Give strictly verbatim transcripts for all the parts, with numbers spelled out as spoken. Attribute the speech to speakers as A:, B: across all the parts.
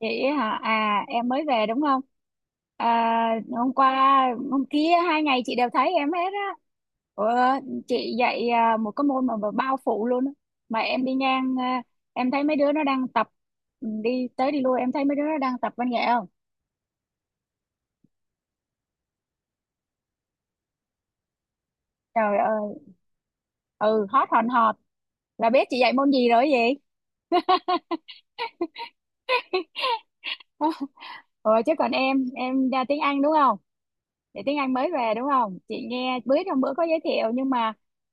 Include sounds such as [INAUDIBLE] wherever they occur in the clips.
A: Vậy hả? À, em mới về đúng không? À, hôm qua hôm kia hai ngày chị đều thấy em hết á. Ủa, chị dạy à, một cái môn mà, mà bao phủ luôn á. Mà em đi ngang, à, em thấy mấy đứa nó đang tập, ừ, đi tới đi lui em thấy mấy đứa nó đang tập văn nghệ không? Trời ơi, ừ hot hòn hòt là biết chị dạy môn gì rồi gì? [LAUGHS] Ờ chứ còn em em ra tiếng Anh đúng không? Để tiếng Anh mới về đúng không, chị nghe bữa trong bữa có giới thiệu nhưng mà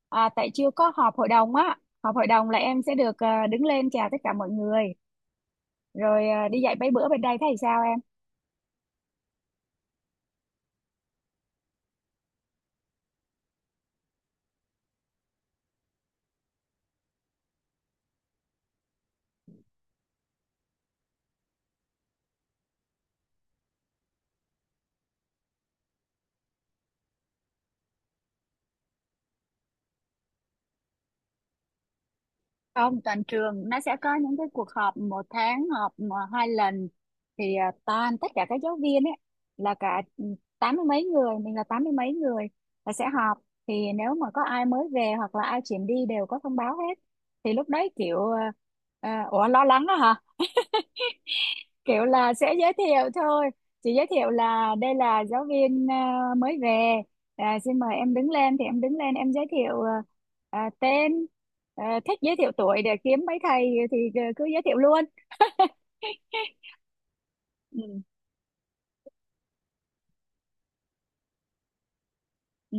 A: à, tại chưa có họp hội đồng á. Họp hội đồng là em sẽ được, à, đứng lên chào tất cả mọi người, rồi à, đi dạy mấy bữa bên đây thấy sao em? Không, toàn trường nó sẽ có những cái cuộc họp, một tháng họp mà hai lần, thì à, toàn tất cả các giáo viên ấy, là cả, ừ, tám mươi mấy người, mình là tám mươi mấy người là sẽ họp. Thì nếu mà có ai mới về hoặc là ai chuyển đi đều có thông báo hết, thì lúc đấy kiểu à, à, ủa lo lắng đó. Kiểu là sẽ giới thiệu thôi, chị giới thiệu là đây là giáo viên à, mới về, à, xin mời em đứng lên, thì em đứng lên em giới thiệu à, à, tên, à, thích giới thiệu tuổi để kiếm mấy thầy thì ờ, cứ giới thiệu luôn. [LAUGHS] Ừ. Ừ.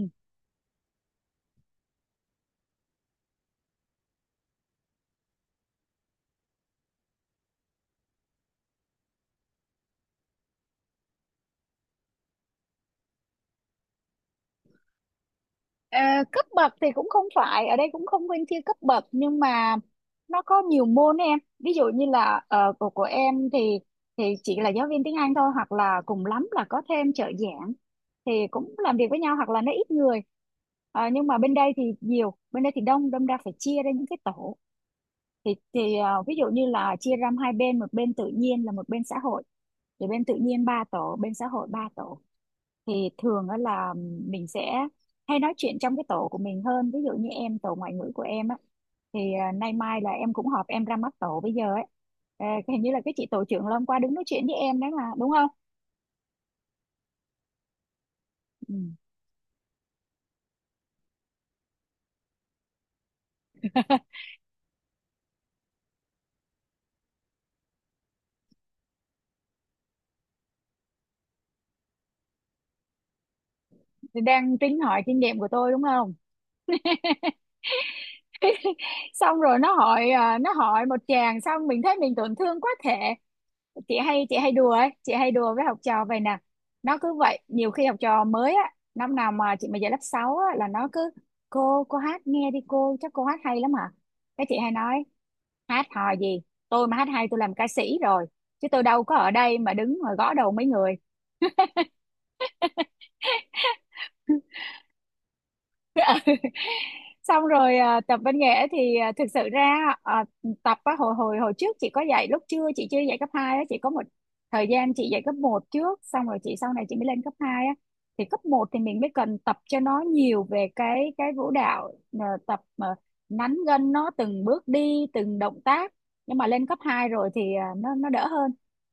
A: Ờ, cấp bậc thì cũng không phải, ở đây cũng không phân chia cấp bậc, nhưng mà nó có nhiều môn em, ví dụ như là ờ, của của em thì thì chỉ là giáo viên tiếng Anh thôi, hoặc là cùng lắm là có thêm trợ giảng thì cũng làm việc với nhau, hoặc là nó ít người. Ờ, nhưng mà bên đây thì nhiều, bên đây thì đông, đâm ra phải chia ra những cái tổ, thì thì ờ, ví dụ như là chia ra hai bên, một bên tự nhiên là một bên xã hội, thì bên tự nhiên ba tổ, bên xã hội ba tổ. Thì thường á là mình sẽ hay nói chuyện trong cái tổ của mình hơn, ví dụ như em, tổ ngoại ngữ của em á, thì à, nay mai là em cũng họp, em ra mắt tổ bây giờ ấy. Ờ, hình như là cái chị tổ trưởng là hôm qua đứng nói chuyện với em đấy mà đúng không. Ừ. Thì đang tính hỏi kinh nghiệm của tôi đúng không. [LAUGHS] Xong rồi nó hỏi à, nó hỏi một chàng, xong mình thấy mình tổn thương quá thể. Chị hay chị hay đùa ấy, chị hay đùa với học trò vậy nè. Nó cứ vậy, nhiều khi học trò mới á, năm nào mà chị mà dạy lớp sáu á là nó cứ: cô cô hát nghe đi cô, chắc cô hát hay lắm hả. Cái chị hay nói: hát hò gì, tôi mà hát hay tôi làm ca sĩ rồi, chứ tôi đâu có ở đây mà đứng mà gõ đầu mấy người. Xong rồi à, tập văn nghệ thì à, thực sự ra à, tập á, hồi hồi hồi trước chị có dạy, lúc chưa chị chưa dạy cấp hai á, chị có một thời gian chị dạy cấp một trước, xong rồi chị sau này chị mới lên cấp hai á. Thì cấp một thì mình mới cần tập cho nó nhiều về cái cái vũ đạo, à, tập mà nắn gân nó từng bước đi từng động tác. Nhưng mà lên cấp hai rồi thì à, nó nó đỡ hơn.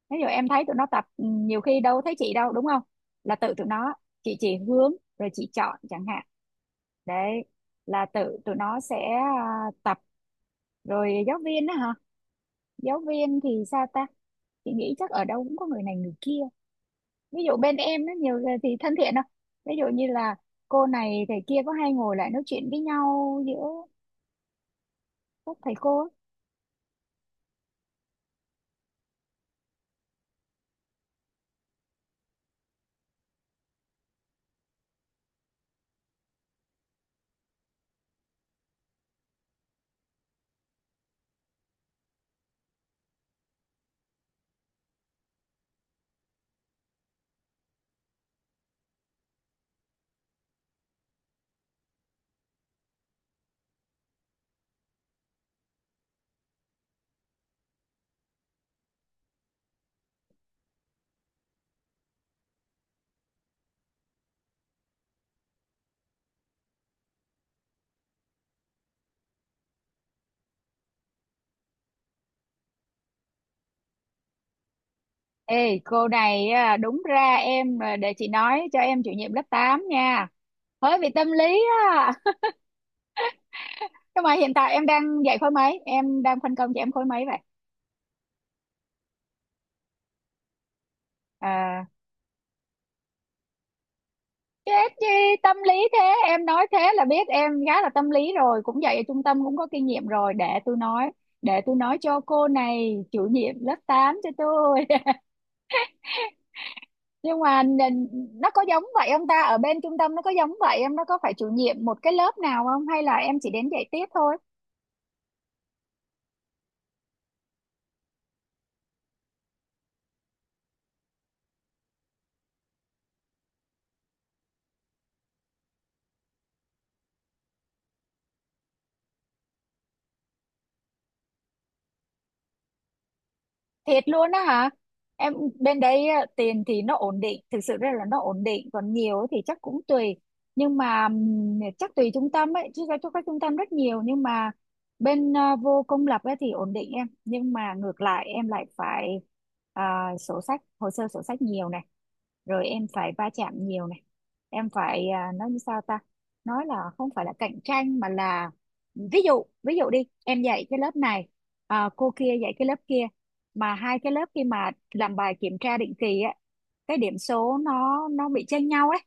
A: Ví dụ em thấy tụi nó tập, ừ, nhiều khi đâu thấy chị đâu, đúng không, là tự tụi nó. Chị chỉ hướng, rồi chị chọn chẳng hạn, đấy, là tự tụi nó sẽ à, tập. Rồi giáo viên đó hả? Giáo viên thì sao ta? Chị nghĩ chắc ở đâu cũng có người này người kia. Ví dụ bên em nó nhiều người thì thân thiện không? Ví dụ như là cô này thầy kia có hay ngồi lại nói chuyện với nhau giữa các thầy cô á. Ê cô này à, đúng ra em, à, để chị nói cho em chủ nhiệm lớp tám nha, hơi bị tâm lý á. Nhưng mà hiện tại em đang dạy khối mấy, em đang phân công cho em khối mấy vậy? À, chết chi tâm lý thế, em nói thế là biết em gái là tâm lý rồi, cũng vậy ở trung tâm cũng có kinh nghiệm rồi, để tôi nói, để tôi nói cho cô này chủ nhiệm lớp tám cho tôi. [LAUGHS] Nhưng mà n- nó có giống vậy không ta, ở bên trung tâm nó có giống vậy em, nó có phải chủ nhiệm một cái lớp nào không, hay là em chỉ đến dạy tiếp thôi? Thiệt luôn á hả? Em, bên đấy à, tiền thì nó ổn định, thực sự ra là nó ổn định, còn nhiều ấy thì chắc cũng tùy. Nhưng mà ừm, chắc tùy trung tâm ấy, chứ cho các trung tâm rất nhiều, nhưng mà bên à, vô công lập ấy thì ổn định em, nhưng mà ngược lại em lại phải à, sổ sách, hồ sơ sổ sách nhiều này, rồi em phải va chạm nhiều này. Em phải à, nói như sao ta? Nói là không phải là cạnh tranh mà là, ví dụ, ví dụ đi, em dạy cái lớp này, à, cô kia dạy cái lớp kia, mà hai cái lớp khi mà làm bài kiểm tra định kỳ á, cái điểm số nó nó bị chênh nhau ấy,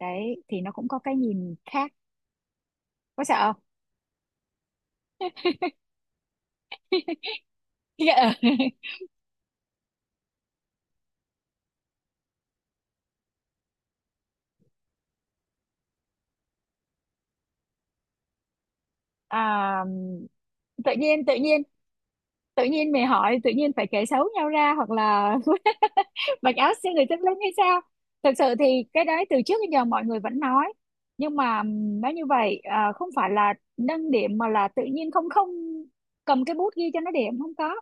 A: đấy thì nó cũng có cái nhìn khác, có sợ không? [LAUGHS] à, tự nhiên tự nhiên tự nhiên mày hỏi, tự nhiên phải kể xấu nhau ra, hoặc là [LAUGHS] mặc áo siêu người tâm linh hay sao. Thực sự thì cái đấy từ trước đến giờ mọi người vẫn nói, nhưng mà nói như vậy à, không phải là nâng điểm mà là, tự nhiên không không cầm cái bút ghi cho nó điểm không có,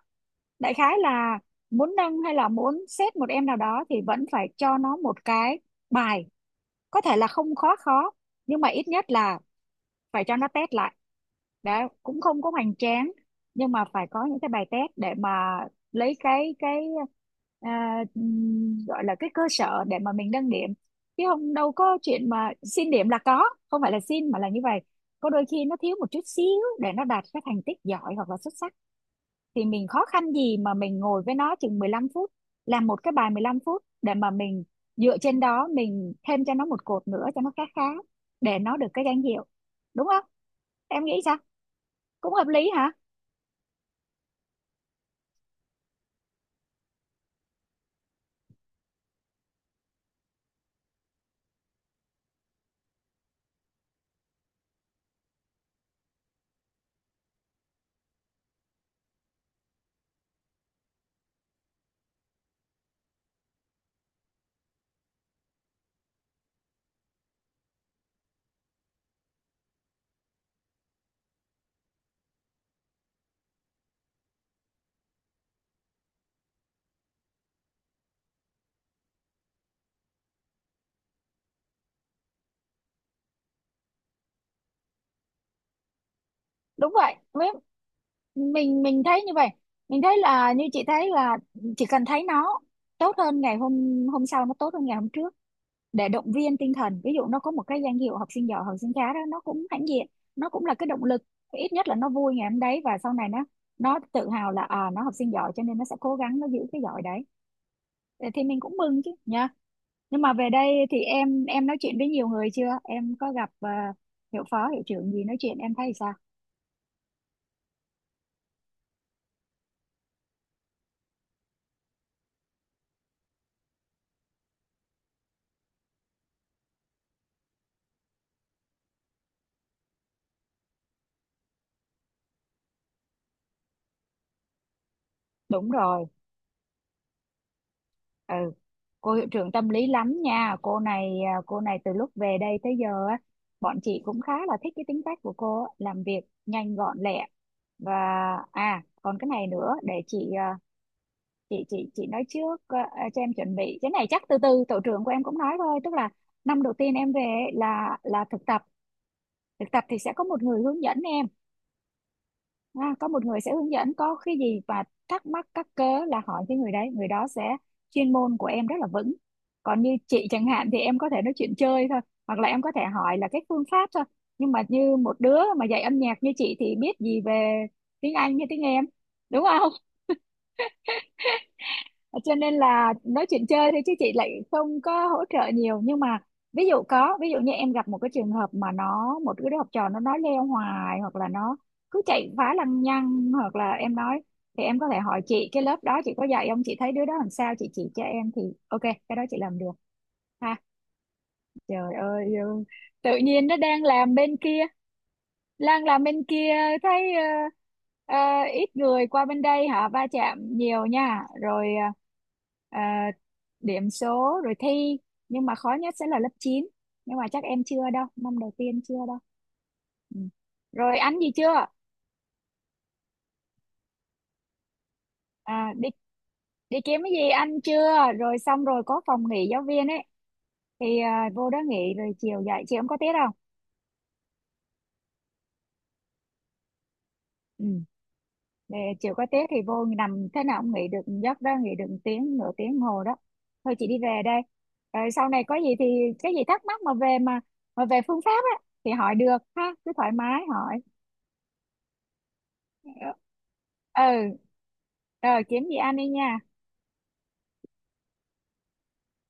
A: đại khái là muốn nâng hay là muốn xét một em nào đó thì vẫn phải cho nó một cái bài, có thể là không khó khó, nhưng mà ít nhất là phải cho nó test lại đã, cũng không có hoành tráng, nhưng mà phải có những cái bài test để mà lấy cái cái à, ừm, gọi là cái cơ sở để mà mình nâng điểm, chứ không đâu có chuyện mà xin điểm là có. Không phải là xin mà là như vậy, có đôi khi nó thiếu một chút xíu để nó đạt cái thành tích giỏi hoặc là xuất sắc, thì mình khó khăn gì mà mình ngồi với nó chừng mười lăm phút, làm một cái bài mười lăm phút để mà mình dựa trên đó mình thêm cho nó một cột nữa cho nó khá khá, để nó được cái danh hiệu, đúng không? Em nghĩ sao, cũng hợp lý hả? Đúng vậy. Với- mình mình thấy như vậy, mình thấy là, như chị thấy là chỉ cần thấy nó tốt hơn ngày hôm hôm sau, nó tốt hơn ngày hôm trước, để động viên tinh thần. Ví dụ nó có một cái danh hiệu học sinh giỏi học sinh khá đó, nó cũng hãnh diện, nó cũng là cái động lực, ít nhất là nó vui ngày hôm đấy, và sau này nó nó tự hào là à nó học sinh giỏi, cho nên nó sẽ cố gắng nó giữ cái giỏi đấy. Ờ, thì mình cũng mừng chứ nha. Nhưng mà về đây thì em em nói chuyện với nhiều người chưa, em có gặp ờ, hiệu phó hiệu trưởng gì nói chuyện em thấy sao? Đúng rồi. Ừ, cô hiệu trưởng tâm lý lắm nha cô này, à, cô này từ lúc về đây tới giờ á, bọn chị cũng khá là thích cái tính cách của cô á, làm việc nhanh gọn lẹ, và à còn cái này nữa, để chị à, chị chị chị nói trước à, à, cho em chuẩn bị cái này, chắc từ từ tổ trưởng của em cũng nói thôi, tức là năm đầu tiên em về ấy là là thực tập. Thực tập thì sẽ có một người hướng dẫn em. À, có một người sẽ hướng dẫn, có cái gì và thắc mắc các cớ là hỏi cái người đấy, người đó sẽ, chuyên môn của em rất là vững. Còn như chị chẳng hạn thì em có thể nói chuyện chơi thôi, hoặc là em có thể hỏi là cái phương pháp thôi, nhưng mà như một đứa mà dạy âm nhạc như chị thì biết gì về tiếng Anh như tiếng em, đúng không? Ờ, cho nên là nói chuyện chơi thôi, chứ chị lại không có hỗ trợ nhiều. Nhưng mà ví dụ có ví dụ như em gặp một cái trường hợp mà nó, một cái đứa học trò nó nói leo hoài, hoặc là nó cứ chạy phá lăng nhăng, hoặc là em nói, thì em có thể hỏi chị cái lớp đó chị có dạy không, chị thấy đứa đó làm sao chị chỉ cho em, thì ok cái đó chị làm được. Ha, trời ơi. Ừ. Tự nhiên nó đang làm bên kia, đang làm bên kia, thấy ờ, ờ, ít người qua bên đây họ va chạm nhiều nha, rồi ờ, ờ, điểm số rồi thi, nhưng mà khó nhất sẽ là lớp chín, nhưng mà chắc em chưa đâu, năm đầu tiên chưa đâu. Ừ. Rồi ăn gì chưa, à, đi đi kiếm cái gì ăn chưa, rồi xong rồi có phòng nghỉ giáo viên ấy, thì à, vô đó nghỉ rồi chiều dạy chị, em có tiết không? Ừ. Để chiều có tiết thì vô nằm thế nào cũng nghỉ được giấc đó, nghỉ được tiếng nửa tiếng hồ đó. Thôi chị đi về đây. Ờ, sau này có gì thì, cái gì thắc mắc mà về mà mà về phương pháp á thì hỏi được ha, cứ thoải mái hỏi. Ừ. Ờ. ờ, kiếm gì ăn đi nha.